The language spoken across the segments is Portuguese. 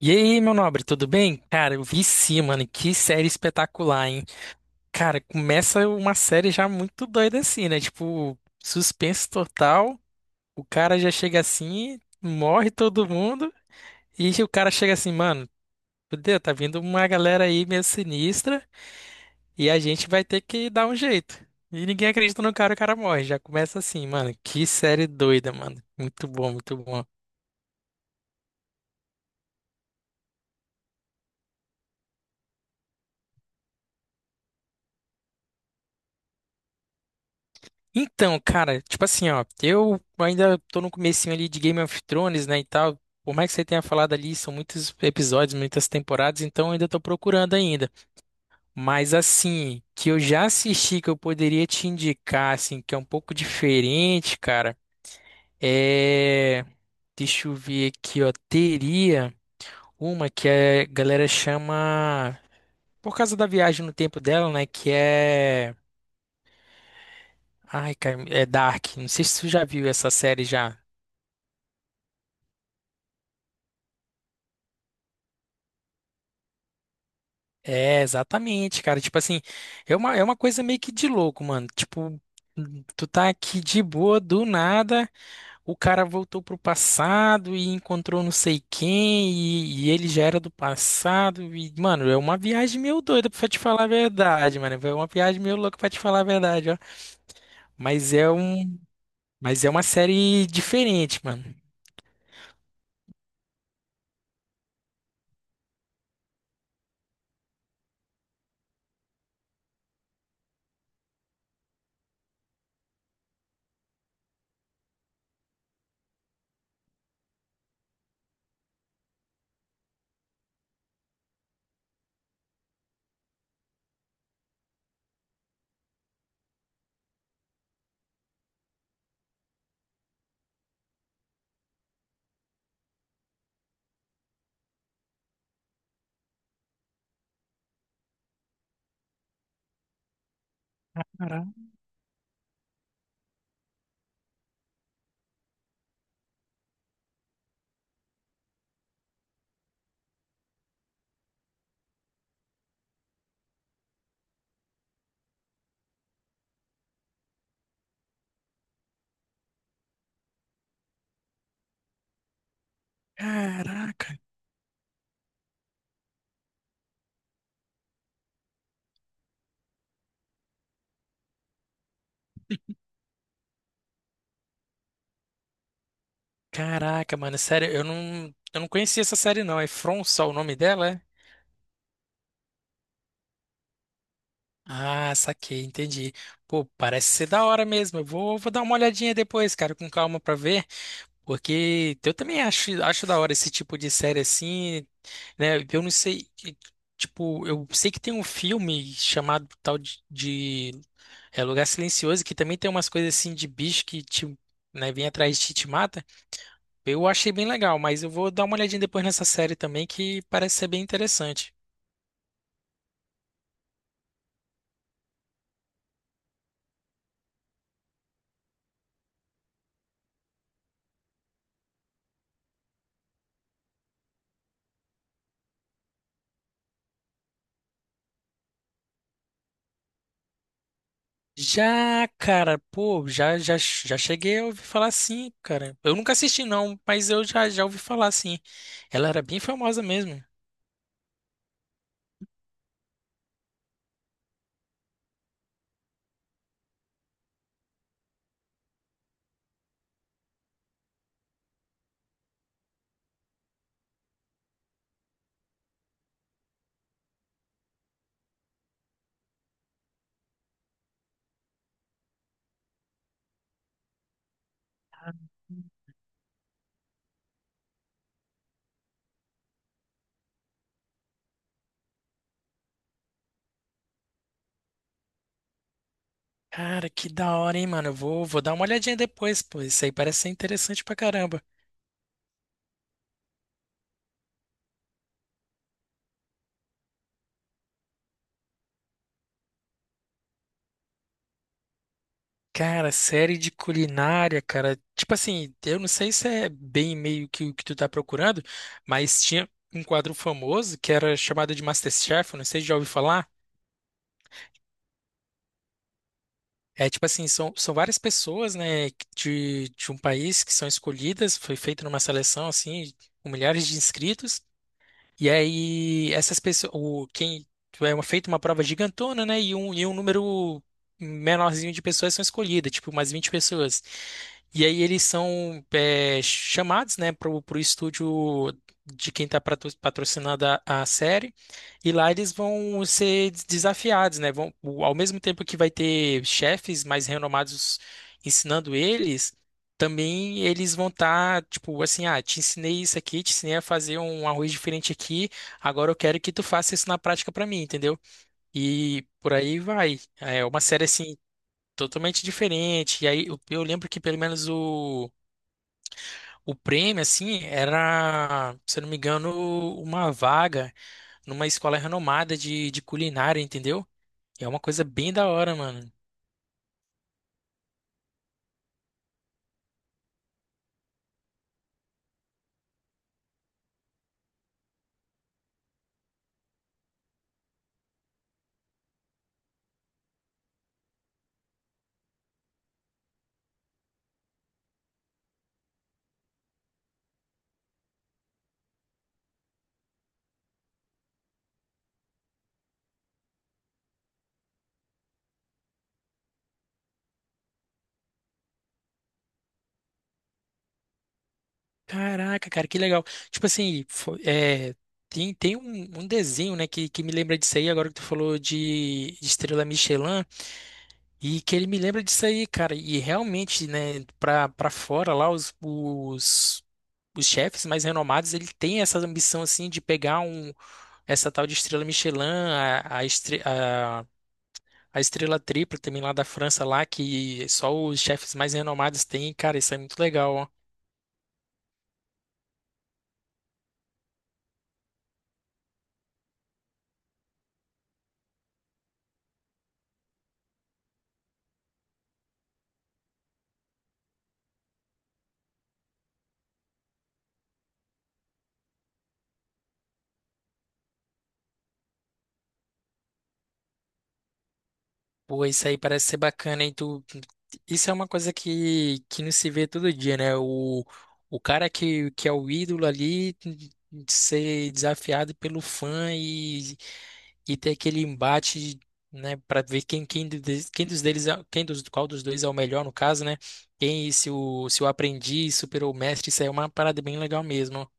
E aí, meu nobre, tudo bem? Cara, eu vi sim, mano. Que série espetacular, hein? Cara, começa uma série já muito doida assim, né? Tipo, suspense total. O cara já chega assim, morre todo mundo. E o cara chega assim, mano, fudeu, tá vindo uma galera aí meio sinistra. E a gente vai ter que dar um jeito. E ninguém acredita no cara, o cara morre. Já começa assim, mano. Que série doida, mano. Muito bom, muito bom. Então, cara, tipo assim, ó, eu ainda tô no comecinho ali de Game of Thrones, né, e tal. Por mais que você tenha falado ali, são muitos episódios, muitas temporadas, então eu ainda tô procurando ainda. Mas assim, que eu já assisti, que eu poderia te indicar, assim, que é um pouco diferente, cara, é. Deixa eu ver aqui, ó. Teria uma que a galera chama. Por causa da viagem no tempo dela, né, que é. Ai, cara, é Dark. Não sei se tu já viu essa série já. É, exatamente, cara. Tipo assim, é uma coisa meio que de louco, mano. Tipo, tu tá aqui de boa, do nada, o cara voltou pro passado e encontrou não sei quem, e ele já era do passado. E, mano, é uma viagem meio doida pra te falar a verdade, mano. É uma viagem meio louca pra te falar a verdade, ó. Mas é um, mas é uma série diferente, mano. Caraca, caraca, mano. Sério, eu não conhecia essa série, não. É From só o nome dela, é? Ah, saquei, entendi. Pô, parece ser da hora mesmo. Eu vou dar uma olhadinha depois, cara, com calma pra ver, porque eu também acho da hora esse tipo de série assim, né? Eu não sei, tipo, eu sei que tem um filme chamado tal de, Lugar Silencioso que também tem umas coisas assim de bicho que te, né, vem atrás de ti e te mata. Eu achei bem legal, mas eu vou dar uma olhadinha depois nessa série também que parece ser bem interessante. Já, cara, pô, já cheguei a ouvir falar sim, cara. Eu nunca assisti não, mas eu já ouvi falar sim. Ela era bem famosa mesmo. Cara, que da hora, hein, mano. Eu vou dar uma olhadinha depois, pô. Isso aí parece ser interessante pra caramba. Cara, série de culinária, cara. Tipo assim, eu não sei se é bem meio que o que tu tá procurando, mas tinha um quadro famoso que era chamado de MasterChef, eu não sei se já ouviu falar. É tipo assim, são várias pessoas, né, de um país que são escolhidas, foi feito numa seleção, assim, com milhares de inscritos, e aí, essas pessoas, quem é feita uma prova gigantona, né? E um número menorzinho de pessoas são escolhidas, tipo umas 20 pessoas. E aí eles são chamados, né, pro estúdio de quem está patrocinando a série. E lá eles vão ser desafiados, né? Ao mesmo tempo que vai ter chefes mais renomados ensinando eles também eles vão estar, tipo, assim, ah, te ensinei isso aqui, te ensinei a fazer um arroz diferente aqui, agora eu quero que tu faça isso na prática pra mim, entendeu? E por aí vai. É uma série, assim, totalmente diferente. E aí eu lembro que pelo menos o prêmio, assim, era, se eu não me engano, uma vaga numa escola renomada de culinária, entendeu? É uma coisa bem da hora, mano. Caraca, cara, que legal. Tipo assim, tem um desenho, né, que me lembra disso aí, agora que tu falou de Estrela Michelin, e que ele me lembra disso aí, cara. E realmente, né, pra fora lá, os chefes mais renomados, ele tem essa ambição, assim, de pegar essa tal de Estrela Michelin, a, a, estre- a, a Estrela Tripla também lá da França, lá, que só os chefes mais renomados têm, cara, isso é muito legal, ó. Pô, isso aí parece ser bacana, hein? Isso é uma coisa que não se vê todo dia, né? O cara que é o ídolo ali de ser desafiado pelo fã e ter aquele embate, né, para ver quem, quem dos deles, quem dos, qual dos dois é o melhor, no caso, né? Quem, se o, se o aprendiz superou o mestre, isso aí é uma parada bem legal mesmo.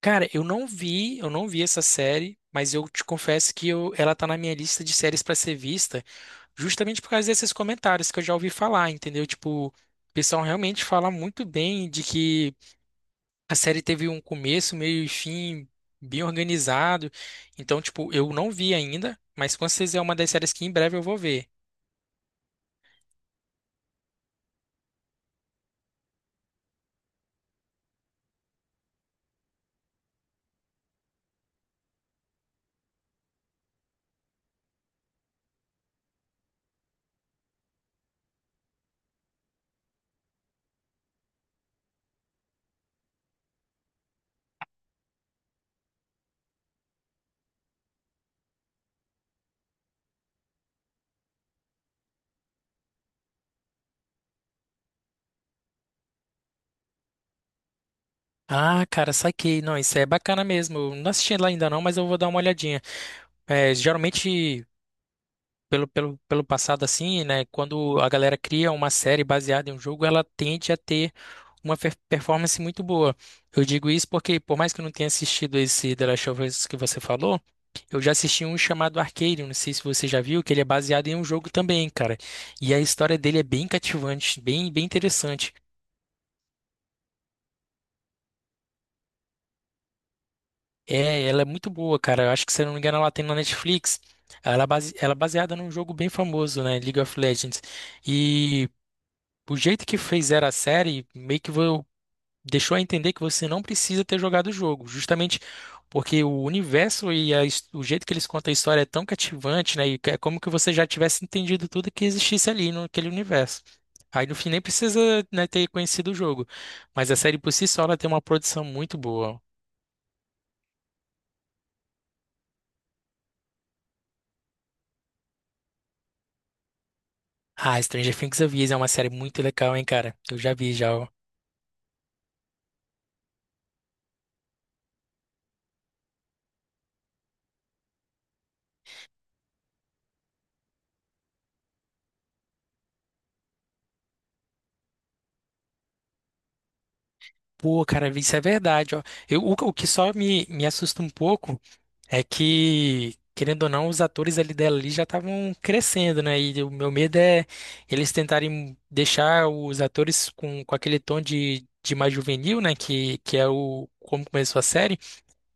Cara, eu não vi essa série, mas eu te confesso que ela tá na minha lista de séries pra ser vista, justamente por causa desses comentários que eu já ouvi falar, entendeu? Tipo, o pessoal realmente fala muito bem de que a série teve um começo, meio e fim bem organizado. Então, tipo, eu não vi ainda, mas com certeza é uma das séries que em breve eu vou ver. Ah, cara, saquei. Não, isso é bacana mesmo. Eu não assisti ela ainda não, mas eu vou dar uma olhadinha. É, geralmente, pelo passado assim, né? Quando a galera cria uma série baseada em um jogo, ela tende a ter uma performance muito boa. Eu digo isso porque, por mais que eu não tenha assistido esse The Last of Us que você falou, eu já assisti um chamado Arcane, não sei se você já viu, que ele é baseado em um jogo também, cara. E a história dele é bem cativante, bem interessante. É, ela é muito boa, cara. Eu acho que, se eu não me engano, ela tem na Netflix. Ela é baseada num jogo bem famoso, né? League of Legends. e O jeito que fizeram a série meio que deixou a entender que você não precisa ter jogado o jogo, justamente porque o universo e o jeito que eles contam a história é tão cativante, né? E que é como que você já tivesse entendido tudo que existisse ali naquele universo. Aí no fim nem precisa, né, ter conhecido o jogo, mas a série por si só ela tem uma produção muito boa. Ah, Stranger Things Avisa é uma série muito legal, hein, cara? Eu já vi já. Ó. Pô, cara, isso é verdade, ó. O que só me assusta um pouco é que, querendo ou não, os atores ali dela ali já estavam crescendo, né? E o meu medo é eles tentarem deixar os atores com aquele tom de mais juvenil, né? Que é o como começou a série,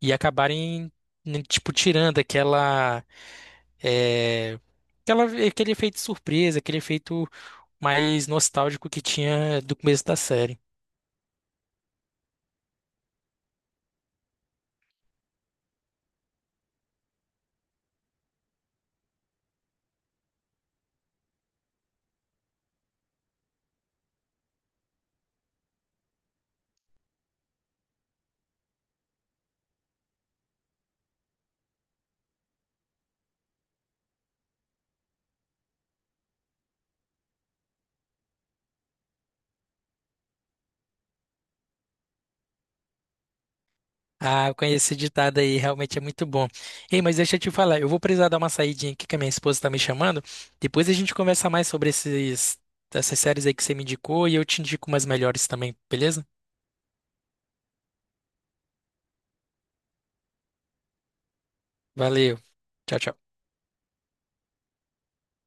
e acabarem, né, tipo, tirando é, aquele efeito surpresa, aquele efeito mais nostálgico que tinha do começo da série. Ah, eu conheço esse ditado aí, realmente é muito bom. Ei, mas deixa eu te falar, eu vou precisar dar uma saidinha aqui que a minha esposa tá me chamando. Depois a gente conversa mais sobre essas séries aí que você me indicou e eu te indico umas melhores também, beleza? Valeu. Tchau, tchau.